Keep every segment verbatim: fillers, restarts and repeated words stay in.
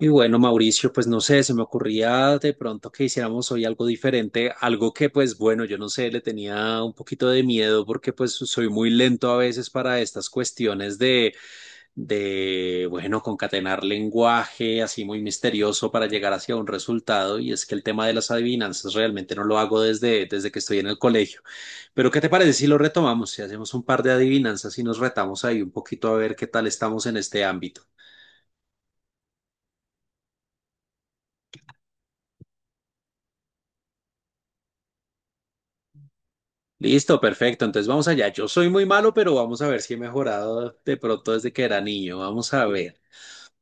Y bueno, Mauricio, pues no sé, se me ocurría de pronto que hiciéramos hoy algo diferente, algo que pues bueno, yo no sé, le tenía un poquito de miedo porque pues soy muy lento a veces para estas cuestiones de, de, bueno, concatenar lenguaje así muy misterioso para llegar hacia un resultado y es que el tema de las adivinanzas realmente no lo hago desde, desde que estoy en el colegio. Pero ¿qué te parece si lo retomamos, si hacemos un par de adivinanzas y nos retamos ahí un poquito a ver qué tal estamos en este ámbito? Listo, perfecto. Entonces vamos allá. Yo soy muy malo, pero vamos a ver si he mejorado de pronto desde que era niño. Vamos a ver.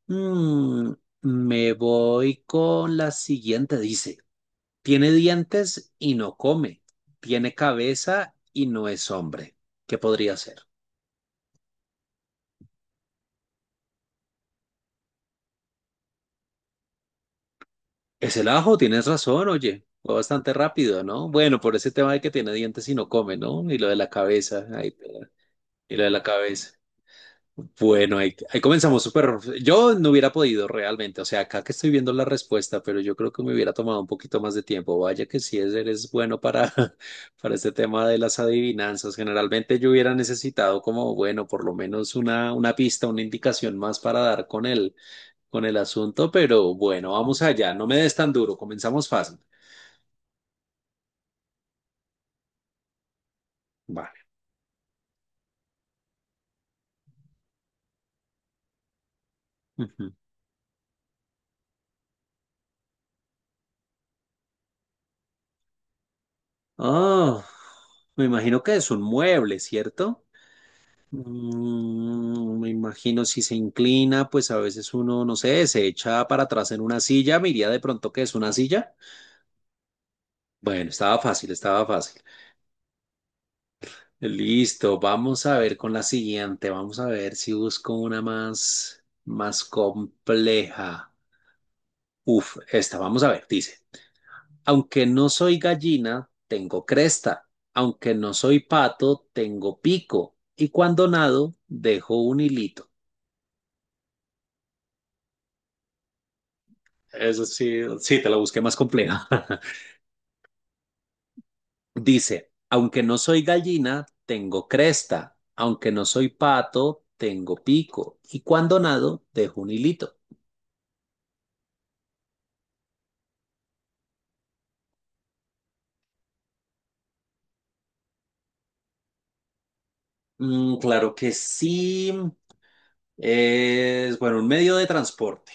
Mm, Me voy con la siguiente. Dice, tiene dientes y no come. Tiene cabeza y no es hombre. ¿Qué podría ser? Es el ajo, tienes razón, oye. Fue bastante rápido, ¿no? Bueno, por ese tema de que tiene dientes y no come, ¿no? Y lo de la cabeza. Ahí te- Y lo de la cabeza. Bueno, ahí, ahí comenzamos súper. Yo no hubiera podido realmente, o sea, acá que estoy viendo la respuesta, pero yo creo que me hubiera tomado un poquito más de tiempo. Vaya que sí es, eres bueno para, para este tema de las adivinanzas. Generalmente yo hubiera necesitado como, bueno, por lo menos una, una pista, una indicación más para dar con el, con el asunto, pero bueno, vamos allá. No me des tan duro, comenzamos fácil. Vale. Ujú. Ah, me imagino que es un mueble, ¿cierto? Mm, me imagino si se inclina, pues a veces uno, no sé, se echa para atrás en una silla, me iría de pronto que es una silla. Bueno, estaba fácil, estaba fácil. Listo, vamos a ver con la siguiente, vamos a ver si busco una más, más compleja. Uf, esta, vamos a ver, dice, aunque no soy gallina, tengo cresta, aunque no soy pato, tengo pico, y cuando nado, dejo un hilito. Eso sí, sí, te la busqué más compleja. Dice, aunque no soy gallina, tengo cresta, aunque no soy pato, tengo pico, y cuando nado, dejo un hilito. Mm, claro que sí. Es, bueno, un medio de transporte.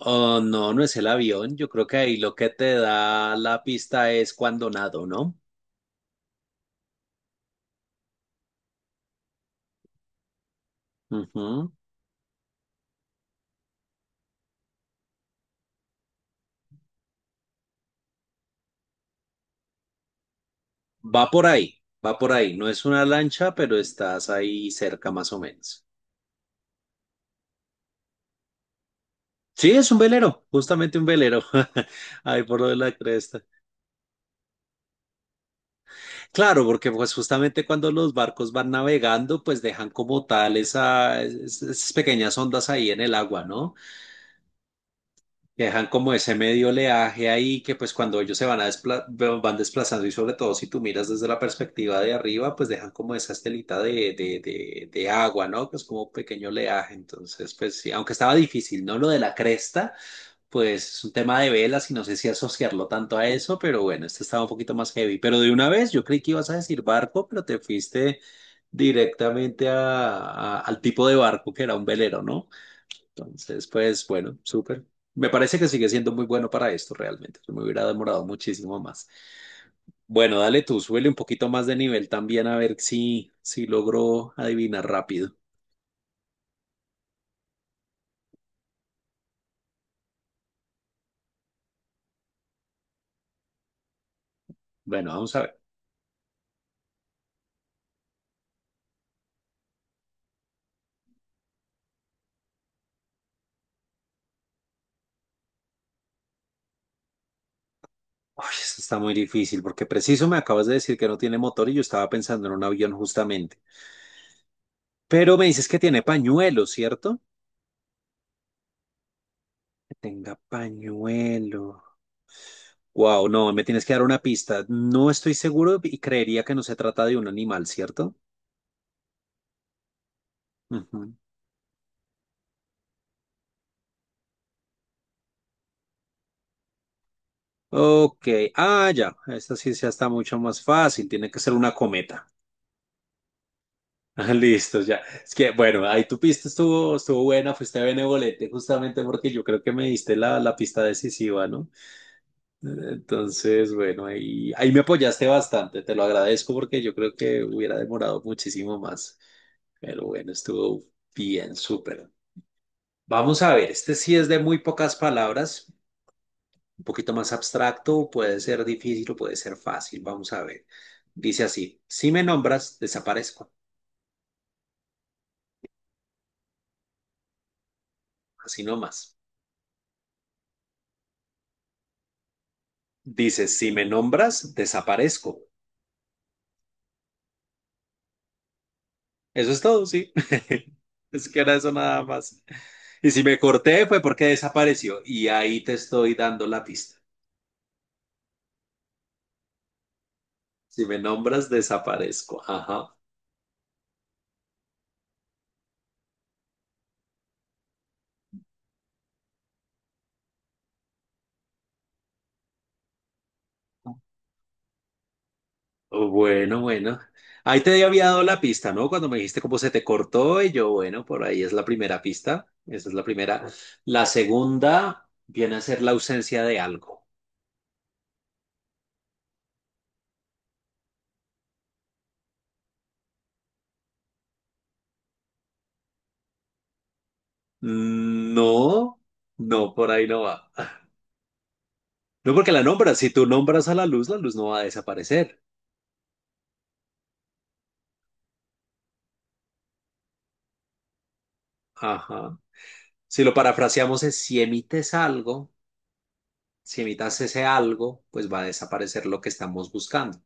Oh, no, no es el avión. Yo creo que ahí lo que te da la pista es cuando nado, ¿no? Ujú. Va por ahí, va por ahí. No es una lancha, pero estás ahí cerca más o menos. Sí, es un velero, justamente un velero. Ahí por lo de la cresta. Claro, porque pues justamente cuando los barcos van navegando, pues dejan como tal esa- es- esas pequeñas ondas ahí en el agua, ¿no? Que dejan como ese medio oleaje ahí que pues cuando ellos se van a despla- van desplazando y sobre todo si tú miras desde la perspectiva de arriba, pues dejan como esa estelita de, de, de, de agua, ¿no? Que es como un pequeño oleaje. Entonces, pues sí, aunque estaba difícil, ¿no? Lo de la cresta. Pues es un tema de velas y no sé si asociarlo tanto a eso, pero bueno, este estaba un poquito más heavy. Pero de una vez, yo creí que ibas a decir barco, pero te fuiste directamente a- a- al tipo de barco que era un velero, ¿no? Entonces, pues bueno, súper. Me parece que sigue siendo muy bueno para esto realmente. Me hubiera demorado muchísimo más. Bueno, dale tú, súbele un poquito más de nivel también a ver si, si logro adivinar rápido. Bueno, vamos a ver. Uy, eso está muy difícil porque preciso me acabas de decir que no tiene motor y yo estaba pensando en un avión justamente. Pero me dices que tiene pañuelo, ¿cierto? Que tenga pañuelo. Wow, no, me tienes que dar una pista. No estoy seguro y creería que no se trata de un animal, ¿cierto? Ujú. Ok, ah, ya, esta sí ya está mucho más fácil, tiene que ser una cometa. Ah, Listo, ya. Es que, bueno, ahí tu pista estuvo, estuvo buena, fuiste benevolente justamente porque yo creo que me diste la, la pista decisiva, ¿no? Entonces, bueno, ahí, ahí me apoyaste bastante, te lo agradezco porque yo creo que hubiera demorado muchísimo más, pero bueno, estuvo bien, súper. Vamos a ver, este sí es de muy pocas palabras, un poquito más abstracto, puede ser difícil o puede ser fácil, vamos a ver. Dice así, si me nombras, desaparezco, así nomás. Dice, si me nombras, desaparezco. Eso es todo, sí. Es que era eso nada más. Y si me corté fue porque desapareció. Y ahí te estoy dando la pista. Si me nombras, desaparezco. Ajá. Bueno, bueno. Ahí te había dado la pista, ¿no? Cuando me dijiste cómo se te cortó, y yo, bueno, por ahí es la primera pista. Esa es la primera. La segunda viene a ser la ausencia de algo. No, no, por ahí no va. No porque la nombras. Si tú nombras a la luz, la luz no va a desaparecer. Ajá. Si lo parafraseamos es, si emites algo, si emitas ese algo, pues va a desaparecer lo que estamos buscando.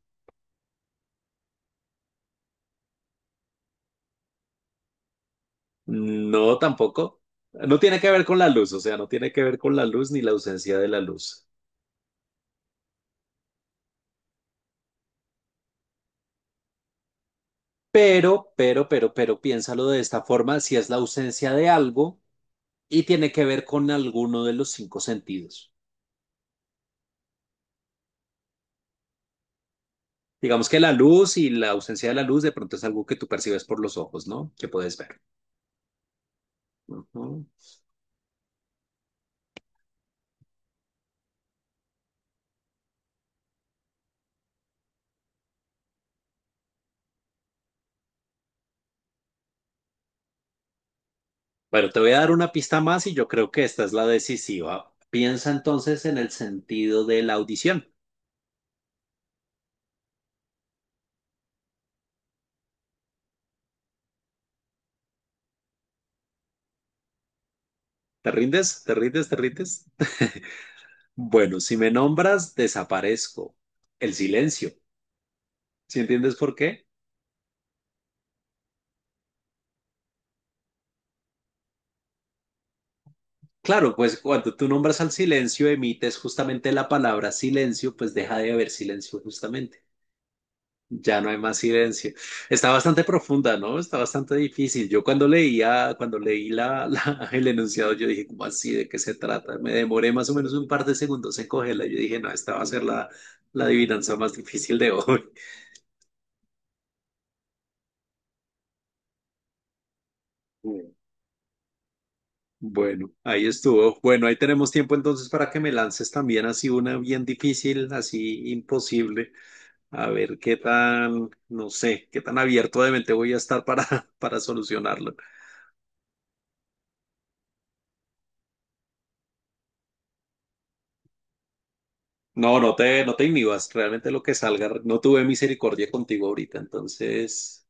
No, tampoco. No tiene que ver con la luz, o sea, no tiene que ver con la luz ni la ausencia de la luz. Pero, pero, pero, pero, piénsalo de esta forma, si es la ausencia de algo y tiene que ver con alguno de los cinco sentidos. Digamos que la luz y la ausencia de la luz de pronto es algo que tú percibes por los ojos, ¿no? Que puedes ver. Ujú. Bueno, te voy a dar una pista más y yo creo que esta es la decisiva. Piensa entonces en el sentido de la audición. ¿Te rindes? ¿Te rindes? ¿Te rindes? Bueno, si me nombras, desaparezco. El silencio. ¿Sí entiendes por qué? Claro, pues cuando tú nombras al silencio, emites justamente la palabra silencio, pues deja de haber silencio justamente. Ya no hay más silencio. Está bastante profunda, ¿no? Está bastante difícil. Yo cuando leía, cuando leí la, la- el enunciado, yo dije, ¿cómo así? ¿De qué se trata? Me demoré más o menos un par de segundos en cogerla. Yo dije, no, esta va a ser la, la adivinanza más difícil de hoy. Bueno, ahí estuvo. Bueno, ahí tenemos tiempo entonces para que me lances también así una bien difícil, así imposible. A ver qué tan, no sé, qué tan abierto de mente voy a estar para, para solucionarlo. No, no te, no te inhibas, realmente lo que salga, no tuve misericordia contigo ahorita, entonces,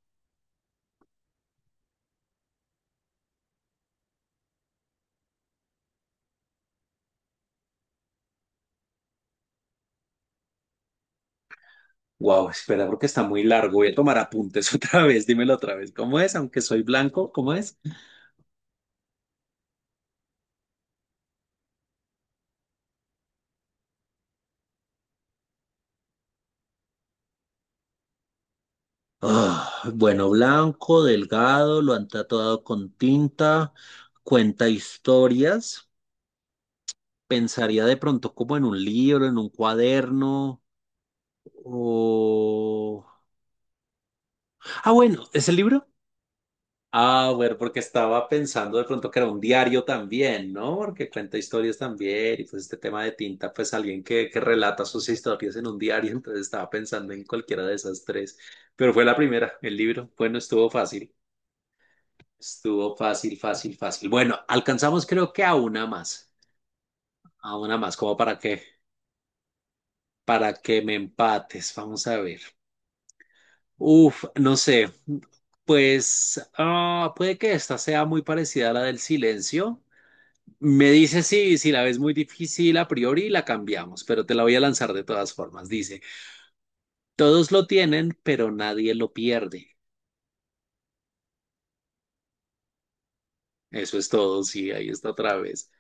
wow, espera, porque está muy largo, voy a tomar apuntes otra vez, dímelo otra vez, ¿cómo es? Aunque soy blanco, ¿cómo es? Ah, bueno, blanco, delgado, lo han tatuado con tinta, cuenta historias, pensaría de pronto como en un libro, en un cuaderno, o... Ah, bueno, ¿es el libro? Ah, bueno, porque estaba pensando de pronto que era un diario también, ¿no? Porque cuenta historias también y pues este tema de tinta, pues alguien que, que relata sus historias en un diario, entonces estaba pensando en cualquiera de esas tres, pero fue la primera, el libro. Bueno, estuvo fácil, estuvo fácil, fácil, fácil. Bueno, alcanzamos creo que a una más, a una más, como para que, para que me empates, vamos a ver. Uf, no sé, pues ah, puede que esta sea muy parecida a la del silencio. Me dice sí, si la ves muy difícil a priori, la cambiamos, pero te la voy a lanzar de todas formas. Dice, todos lo tienen, pero nadie lo pierde. Eso es todo, sí, ahí está otra vez.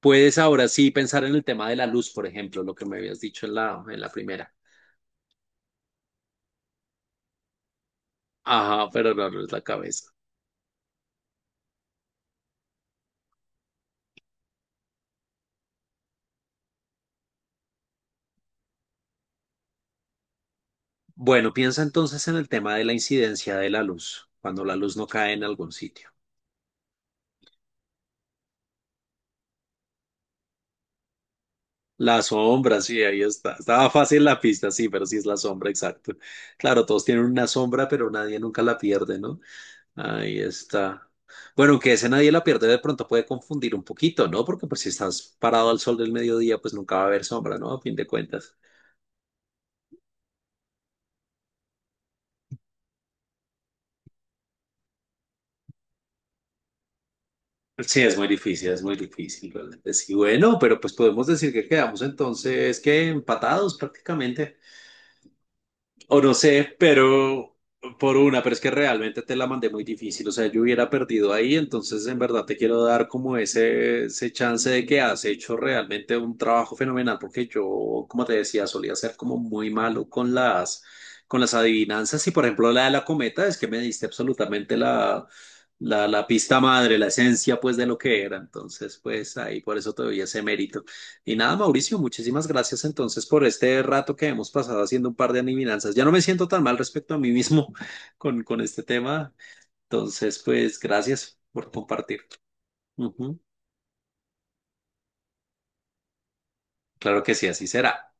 Puedes ahora sí pensar en el tema de la luz, por ejemplo, lo que me habías dicho en la, en la primera. Ajá, pero no, no es la cabeza. Bueno, piensa entonces en el tema de la incidencia de la luz, cuando la luz no cae en algún sitio. La sombra, sí, ahí está. Estaba fácil la pista, sí, pero sí es la sombra, exacto. Claro, todos tienen una sombra, pero nadie nunca la pierde, ¿no? Ahí está. Bueno, aunque ese nadie la pierde, de pronto puede confundir un poquito, ¿no? Porque pues si estás parado al sol del mediodía, pues nunca va a haber sombra, ¿no? A fin de cuentas. Sí, es muy difícil, es muy difícil, realmente. Sí, bueno, pero pues podemos decir que quedamos entonces que empatados prácticamente. O no sé, pero por una, pero es que realmente te la mandé muy difícil. O sea, yo hubiera perdido ahí, entonces en verdad te quiero dar como ese, ese chance de que has hecho realmente un trabajo fenomenal, porque yo, como te decía, solía ser como muy malo con las, con las adivinanzas. Y por ejemplo, la de la cometa es que me diste absolutamente la, la, la pista madre, la esencia pues de lo que era. Entonces, pues ahí por eso te doy ese mérito. Y nada, Mauricio, muchísimas gracias entonces por este rato que hemos pasado haciendo un par de adivinanzas. Ya no me siento tan mal respecto a mí mismo con, con este tema. Entonces, pues gracias por compartir. Ujú. Claro que sí, así será.